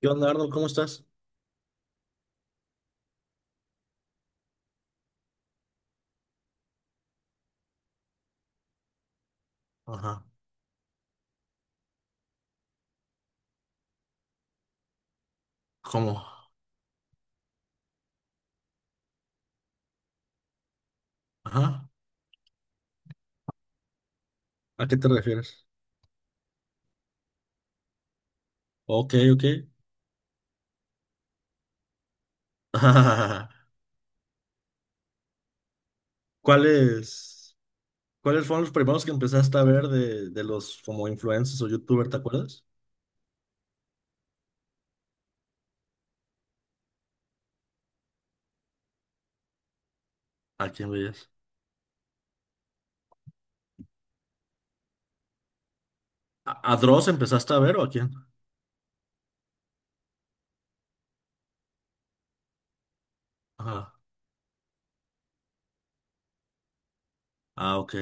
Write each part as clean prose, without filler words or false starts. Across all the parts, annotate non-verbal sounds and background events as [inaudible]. ¿Qué onda, Arnold? ¿Cómo estás? Ajá. ¿Cómo? Ajá. ¿A qué te refieres? Ok, ok. [laughs] ¿Cuáles, cuáles fueron los primeros que empezaste a ver de los como influencers o youtubers, ¿te acuerdas? ¿A quién veías? ¿A Dross empezaste a ver o ¿a quién? Ajá. Ah, ok.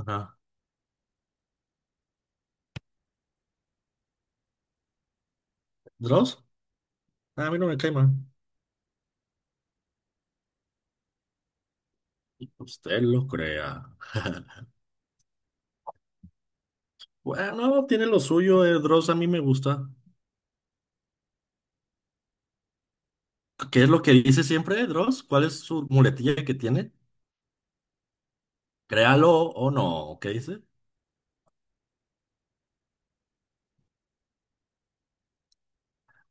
Ajá. ¿Dross? Ah, a mí no me cae mal. Usted lo crea. Bueno, tiene lo suyo, Dross, a mí me gusta. ¿Qué es lo que dice siempre, Dross? ¿Cuál es su muletilla que tiene? ¿Créalo o no, qué dice?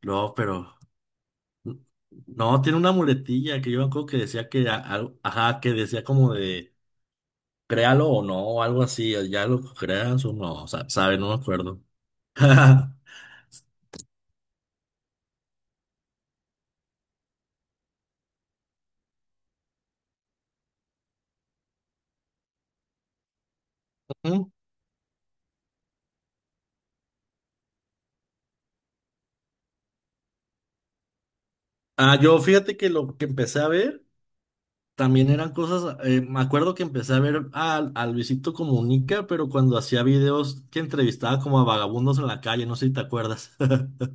No, pero. No, tiene una muletilla que yo me acuerdo que decía que algo. Ajá, que decía como de. Créalo o no, o algo así. Ya lo creas o no. Sabe, no me acuerdo. [laughs] Ujú. Ah, yo fíjate que lo que empecé a ver también eran cosas. Me acuerdo que empecé a ver a Luisito Comunica, pero cuando hacía videos que entrevistaba como a vagabundos en la calle, no sé si te acuerdas. [laughs]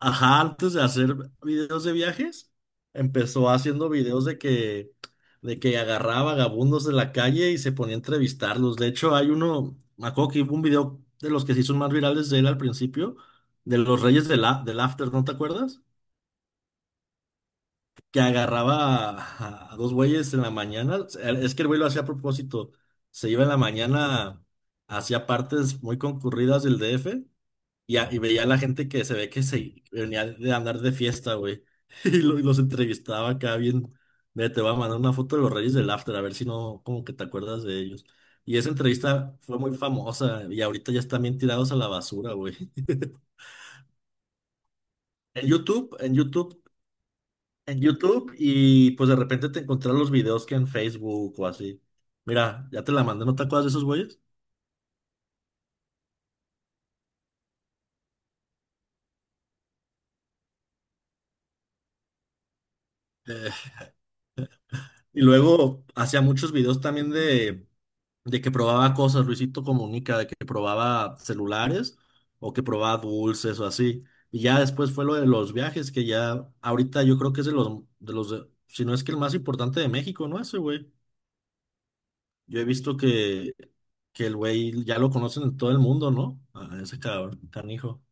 Ajá, antes de hacer videos de viajes, empezó haciendo videos de que agarraba vagabundos de la calle y se ponía a entrevistarlos. De hecho, hay uno, me acuerdo que hubo un video de los que se hizo más virales de él al principio, de los Reyes del After, ¿no te acuerdas? Que agarraba a dos güeyes en la mañana. Es que el güey lo hacía a propósito. Se iba en la mañana, hacia partes muy concurridas del DF y, y veía a la gente que se ve que se venía de andar de fiesta, güey. [laughs] Y, y los entrevistaba acá bien. Mira, te voy a mandar una foto de los Reyes del After, a ver si no, como que te acuerdas de ellos. Y esa entrevista fue muy famosa y ahorita ya están bien tirados a la basura, güey. [laughs] En YouTube, en YouTube, en YouTube y pues de repente te encontrás los videos que en Facebook o así. Mira, ya te la mandé, ¿no te acuerdas de esos güeyes? [laughs] Y luego hacía muchos videos también de que probaba cosas, Luisito Comunica, de que probaba celulares o que probaba dulces o así. Y ya después fue lo de los viajes, que ya ahorita yo creo que es de si no es que el más importante de México, ¿no? Ese güey. Yo he visto Que el güey ya lo conocen en todo el mundo, ¿no? A ese cabrón, canijo.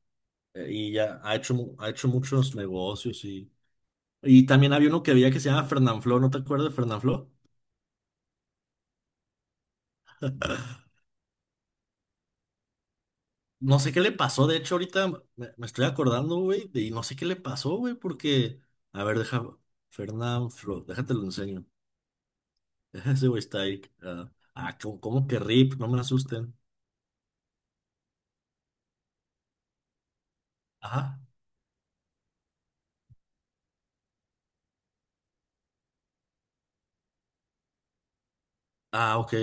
Y ya ha hecho, ha hecho muchos negocios y... Y también había uno que había que se llama Fernanfloo, ¿no te acuerdas de Fernanfloo? No sé qué le pasó, de hecho ahorita me estoy acordando, güey, y no sé qué le pasó, güey, porque, a ver, deja, Fernán Flo, déjate lo enseño. [laughs] Ese güey está ahí. ¿Cómo que RIP? No me asusten. Ajá. Ah, ok.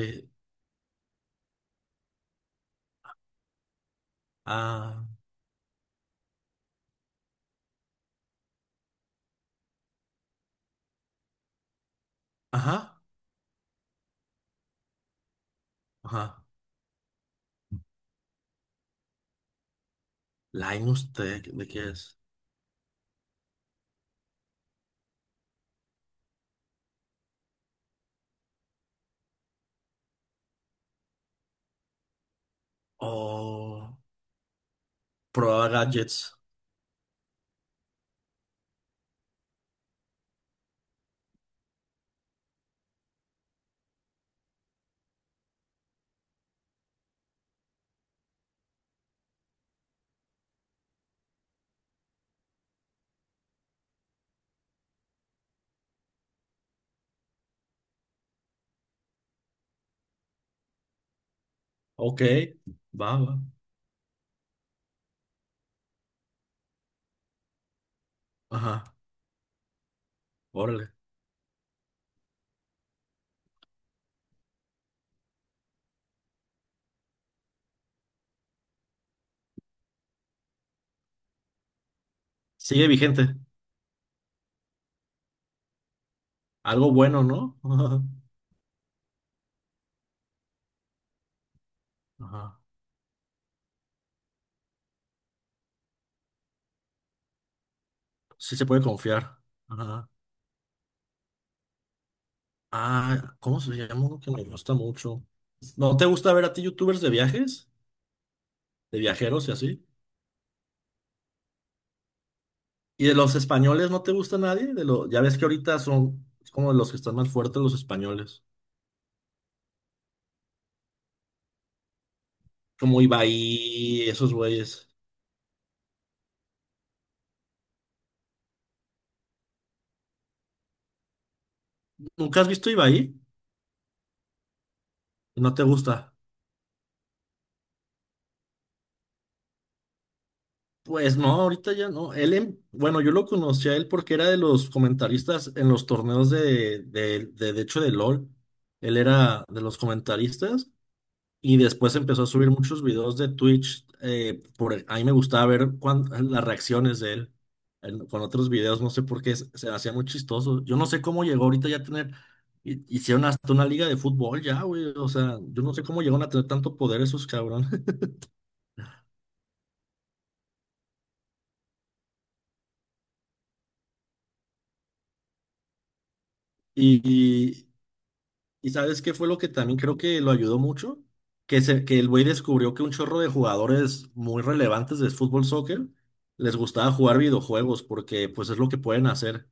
Ah, ajá, ajá. Linus Tech, ¿de qué es? Oh, Proa Gadgets. Ok, va. Ajá, órale. Sigue vigente. Algo bueno, ¿no? [laughs] Ajá. Sí se puede confiar. Ajá. Ah, ¿cómo se llama uno que me gusta mucho? ¿No te gusta ver a ti youtubers de viajes? ¿De viajeros y así? ¿Y de los españoles no te gusta nadie? De lo... Ya ves que ahorita son como de los que están más fuertes los españoles. Como Ibai, esos güeyes. ¿Nunca has visto Ibai? ¿No te gusta? Pues no, ahorita ya no. Él, bueno, yo lo conocí a él porque era de los comentaristas en los torneos de hecho, de LOL. Él era de los comentaristas. Y después empezó a subir muchos videos de Twitch. Por, a mí me gustaba ver las reacciones de él con otros videos. No sé por qué se hacía muy chistoso. Yo no sé cómo llegó ahorita ya a tener. Hicieron hasta una liga de fútbol ya, güey. O sea, yo no sé cómo llegaron a tener tanto poder esos cabrones. [laughs] Y, y, y ¿sabes qué fue lo que también creo que lo ayudó mucho? Que, que el güey descubrió que un chorro de jugadores muy relevantes de fútbol soccer les gustaba jugar videojuegos porque pues es lo que pueden hacer.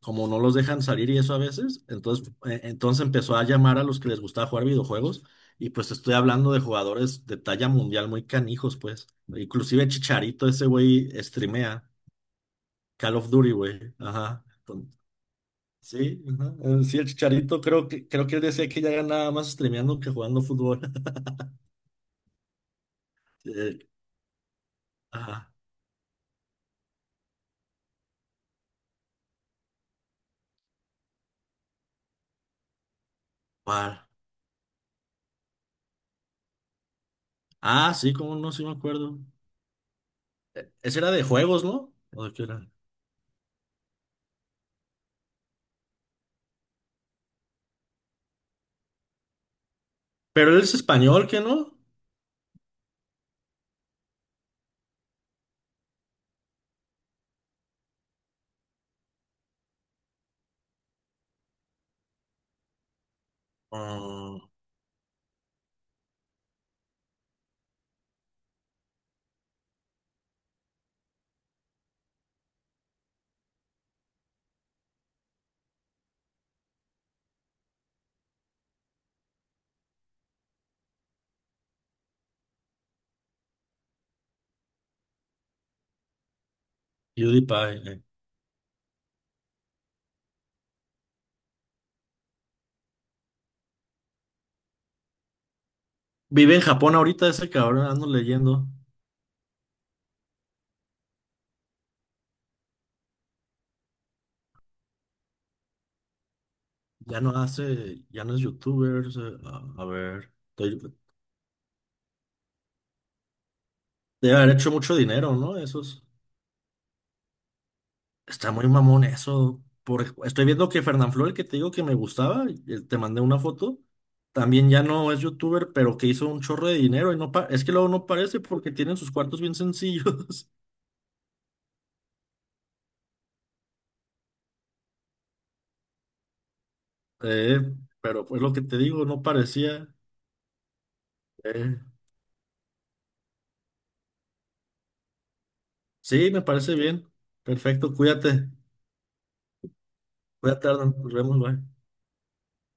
Como no los dejan salir y eso a veces, entonces, entonces empezó a llamar a los que les gustaba jugar videojuegos y pues te estoy hablando de jugadores de talla mundial muy canijos, pues. Inclusive Chicharito, ese güey streamea Call of Duty, güey. Ajá. Con- Sí, ajá. Sí, el Chicharito creo que él decía que ya ganaba más streameando que jugando fútbol. [laughs] Eh, ajá. ¿Cuál? Ah, sí, cómo no, sí me acuerdo. Ese era de juegos, ¿no? ¿O de qué era? Pero él es español, ¿qué no? Ah, PewDiePie. Eh. Vive en Japón ahorita ese cabrón, ando leyendo. Ya no hace, ya no es youtuber. O sea, a ver, debe haber hecho mucho dinero, ¿no? Esos. Está muy mamón eso. Por, estoy viendo que Fernanfloo, el que te digo que me gustaba, y te mandé una foto, también ya no es youtuber, pero que hizo un chorro de dinero y no pa- es que luego no parece porque tienen sus cuartos bien sencillos. [laughs] Eh, pero pues lo que te digo, no parecía. Eh, sí, me parece bien. Perfecto, cuídate. Cuídate, Arnold. Nos vemos, bye.